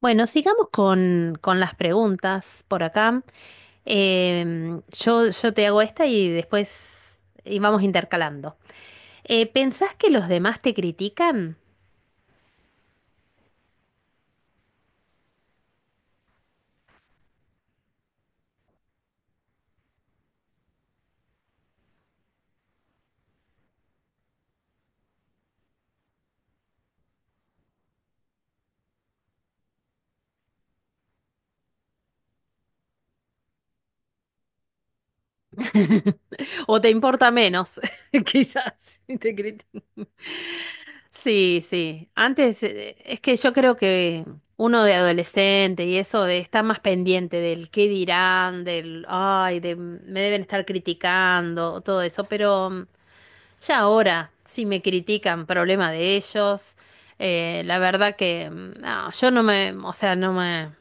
Bueno, sigamos con las preguntas por acá. Yo te hago esta y después y vamos intercalando. ¿Pensás que los demás te critican? O te importa menos, quizás, y te critican. Sí, sí. Antes, es que yo creo que uno de adolescente y eso está más pendiente del qué dirán, del, ay, de, me deben estar criticando, todo eso, pero ya ahora, si me critican, problema de ellos. La verdad que no, yo no me, o sea, no me...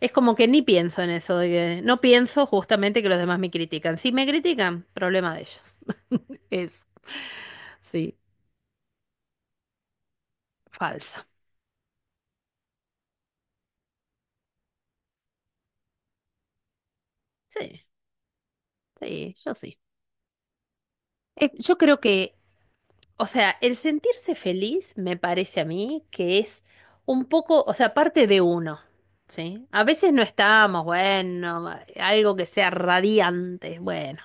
Es como que ni pienso en eso, no pienso justamente que los demás me critican. Si me critican, problema de ellos. Es, sí, falsa. Sí, sí, yo sí. Yo creo que, o sea, el sentirse feliz me parece a mí que es un poco, o sea, parte de uno, ¿sí? A veces no estamos, bueno, algo que sea radiante, bueno.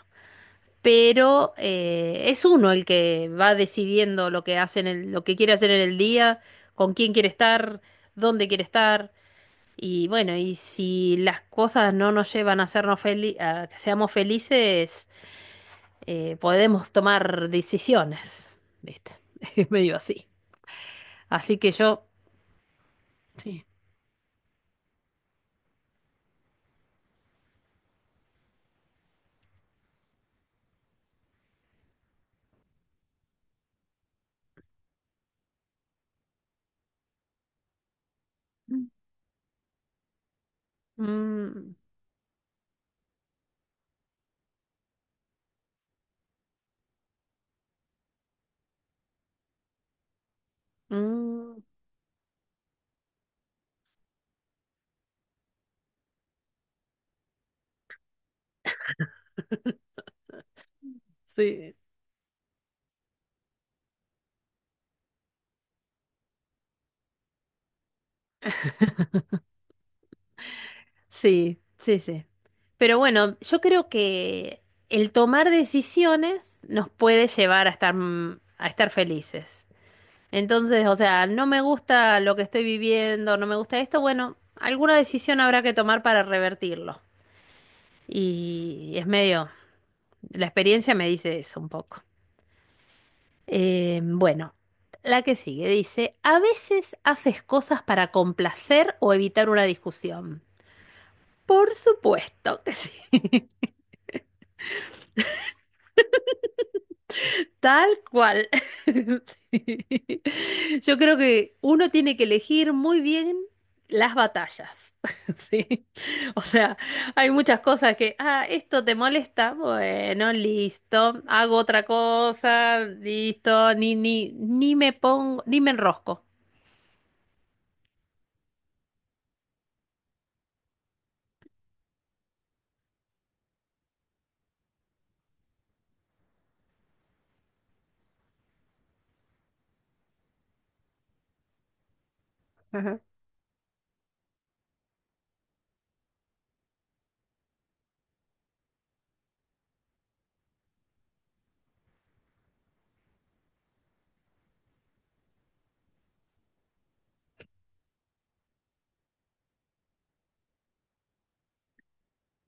Pero es uno el que va decidiendo lo que hace lo que quiere hacer en el día, con quién quiere estar, dónde quiere estar. Y bueno, y si las cosas no nos llevan a hacernos felices, a que seamos felices, podemos tomar decisiones, ¿viste? Es medio así. Así que yo, sí. Mm, mm, sí. Sí, sí, sí. Pero bueno, yo creo que el tomar decisiones nos puede llevar a estar, a estar felices. Entonces, o sea, no me gusta lo que estoy viviendo, no me gusta esto, bueno, alguna decisión habrá que tomar para revertirlo. Y es medio, la experiencia me dice eso un poco. Bueno, la que sigue dice, a veces haces cosas para complacer o evitar una discusión. Por supuesto que sí. Tal cual. Sí. Yo creo que uno tiene que elegir muy bien las batallas. Sí. O sea, hay muchas cosas que, ah, esto te molesta. Bueno, listo. Hago otra cosa. Listo. Ni me pongo, ni me enrosco. Ajá.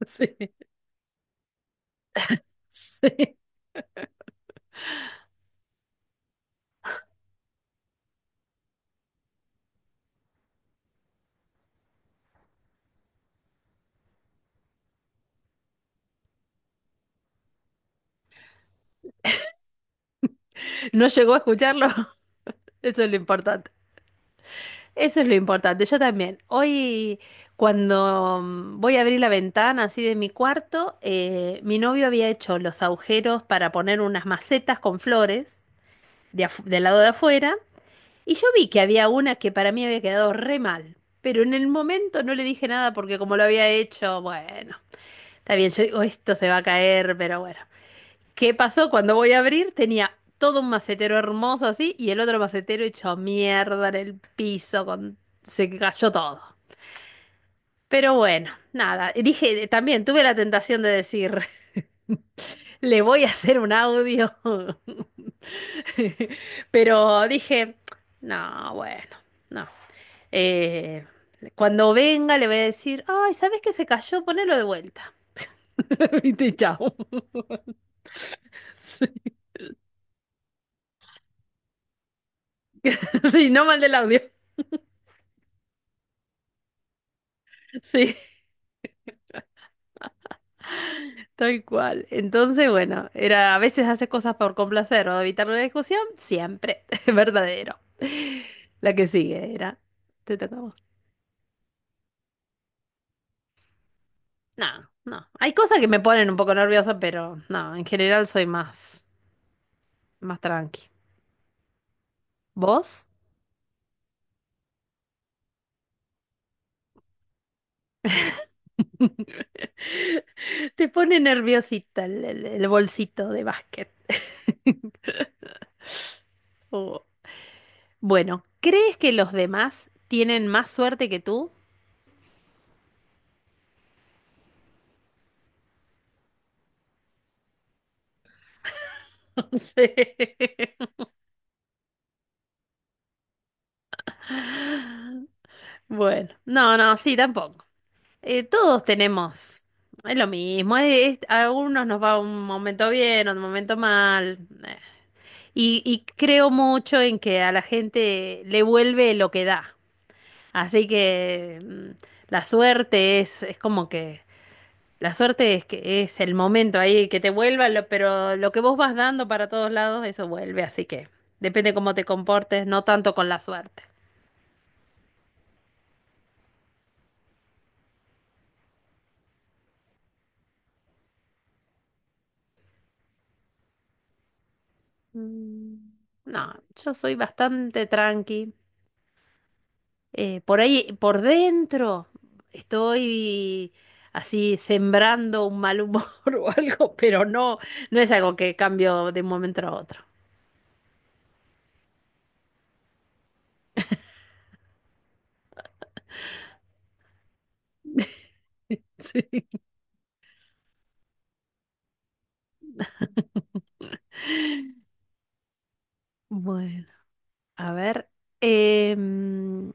Sí. Sí. No llegó a escucharlo. Eso es lo importante. Eso es lo importante. Yo también. Hoy, cuando voy a abrir la ventana así de mi cuarto, mi novio había hecho los agujeros para poner unas macetas con flores del lado de afuera. Y yo vi que había una que para mí había quedado re mal. Pero en el momento no le dije nada porque como lo había hecho, bueno, está bien, yo digo, esto se va a caer, pero bueno. ¿Qué pasó? Cuando voy a abrir tenía todo un macetero hermoso así y el otro macetero hecho mierda en el piso, con... se cayó todo. Pero bueno, nada, y dije, también tuve la tentación de decir, le voy a hacer un audio. Pero dije, no, bueno, no. Eh, cuando venga le voy a decir, ay, ¿sabes qué se cayó? Ponelo de vuelta. Viste, chao. Sí, sí, no mandé el audio. Sí. Tal cual. Entonces, bueno, era a veces hace cosas por complacer o evitar una discusión, siempre verdadero. La que sigue era, te toca a vos. No, no. Hay cosas que me ponen un poco nerviosa, pero no, en general soy más, más tranqui. ¿Vos? Te pone nerviosita el bolsito de básquet. Oh. Bueno, ¿crees que los demás tienen más suerte que tú? Sí. Bueno, no, no, sí, tampoco. Todos tenemos, es lo mismo, a algunos nos va un momento bien, otro momento mal, eh, y creo mucho en que a la gente le vuelve lo que da, así que la suerte es, como que, la suerte es que es el momento ahí que te vuelva, pero lo que vos vas dando para todos lados, eso vuelve, así que depende cómo te comportes, no tanto con la suerte. Mm, No, yo soy bastante tranqui. Por ahí, por dentro, estoy así sembrando un mal humor o algo, pero no, no es algo que cambio de un momento a otro. Sí. Bueno, a ver, em,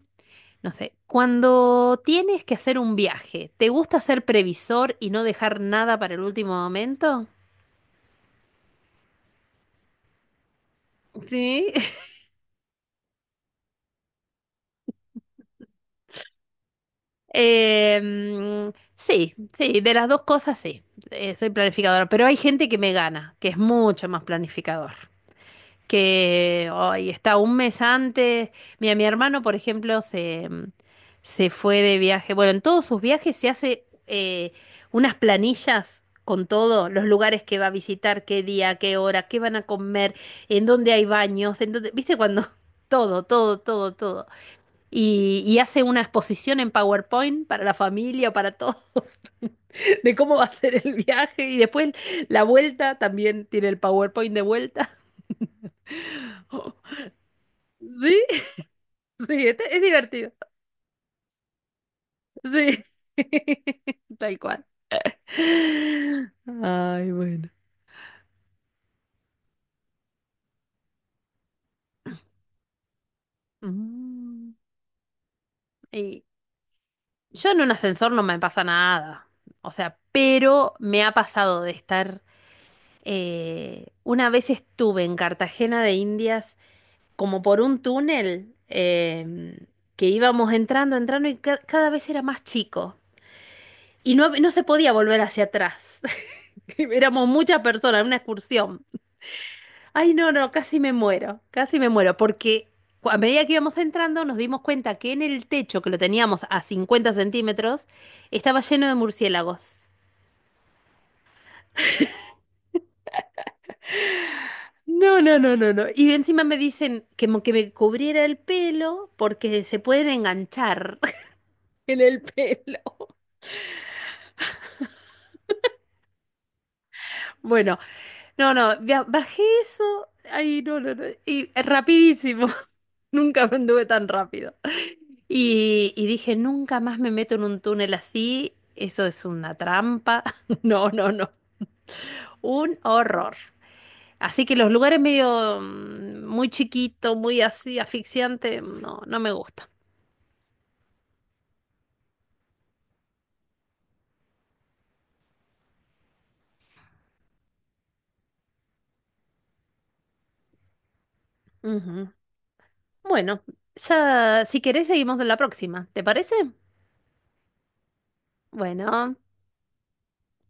no sé, cuando tienes que hacer un viaje, ¿te gusta ser previsor y no dejar nada para el último momento? Sí. Sí, sí, de las dos cosas sí. Soy planificadora, pero hay gente que me gana, que es mucho más planificador. Que hoy está un mes antes. Mira, mi hermano, por ejemplo, se fue de viaje. Bueno, en todos sus viajes se hace unas planillas con todo, los lugares que va a visitar, qué día, qué hora, qué van a comer, en dónde hay baños, en dónde, viste, cuando todo, todo, todo, todo. Y hace una exposición en PowerPoint para la familia, para todos, de cómo va a ser el viaje. Y después la vuelta también tiene el PowerPoint de vuelta. Sí, sí, es divertido. Sí, tal cual. Ay, bueno. Mm, y yo en un ascensor no me pasa nada. O sea, pero me ha pasado de estar... una vez estuve en Cartagena de Indias como por un túnel que íbamos entrando, entrando y cada vez era más chico. Y no, no se podía volver hacia atrás. Éramos muchas personas, una excursión. Ay, no, no, casi me muero, porque a medida que íbamos entrando nos dimos cuenta que en el techo, que lo teníamos a 50 centímetros, estaba lleno de murciélagos. No, no, no, no, no. Y encima me dicen que me cubriera el pelo porque se pueden enganchar en el pelo. Bueno, no, no, bajé eso. Ay, no, no, no. Y rapidísimo. Nunca me anduve tan rápido. Y dije, nunca más me meto en un túnel así. Eso es una trampa. No, no, no. Un horror. Así que los lugares medio muy chiquito, muy así, asfixiante, no, no me gusta. Ujú. Bueno, ya si querés seguimos en la próxima. ¿Te parece? Bueno.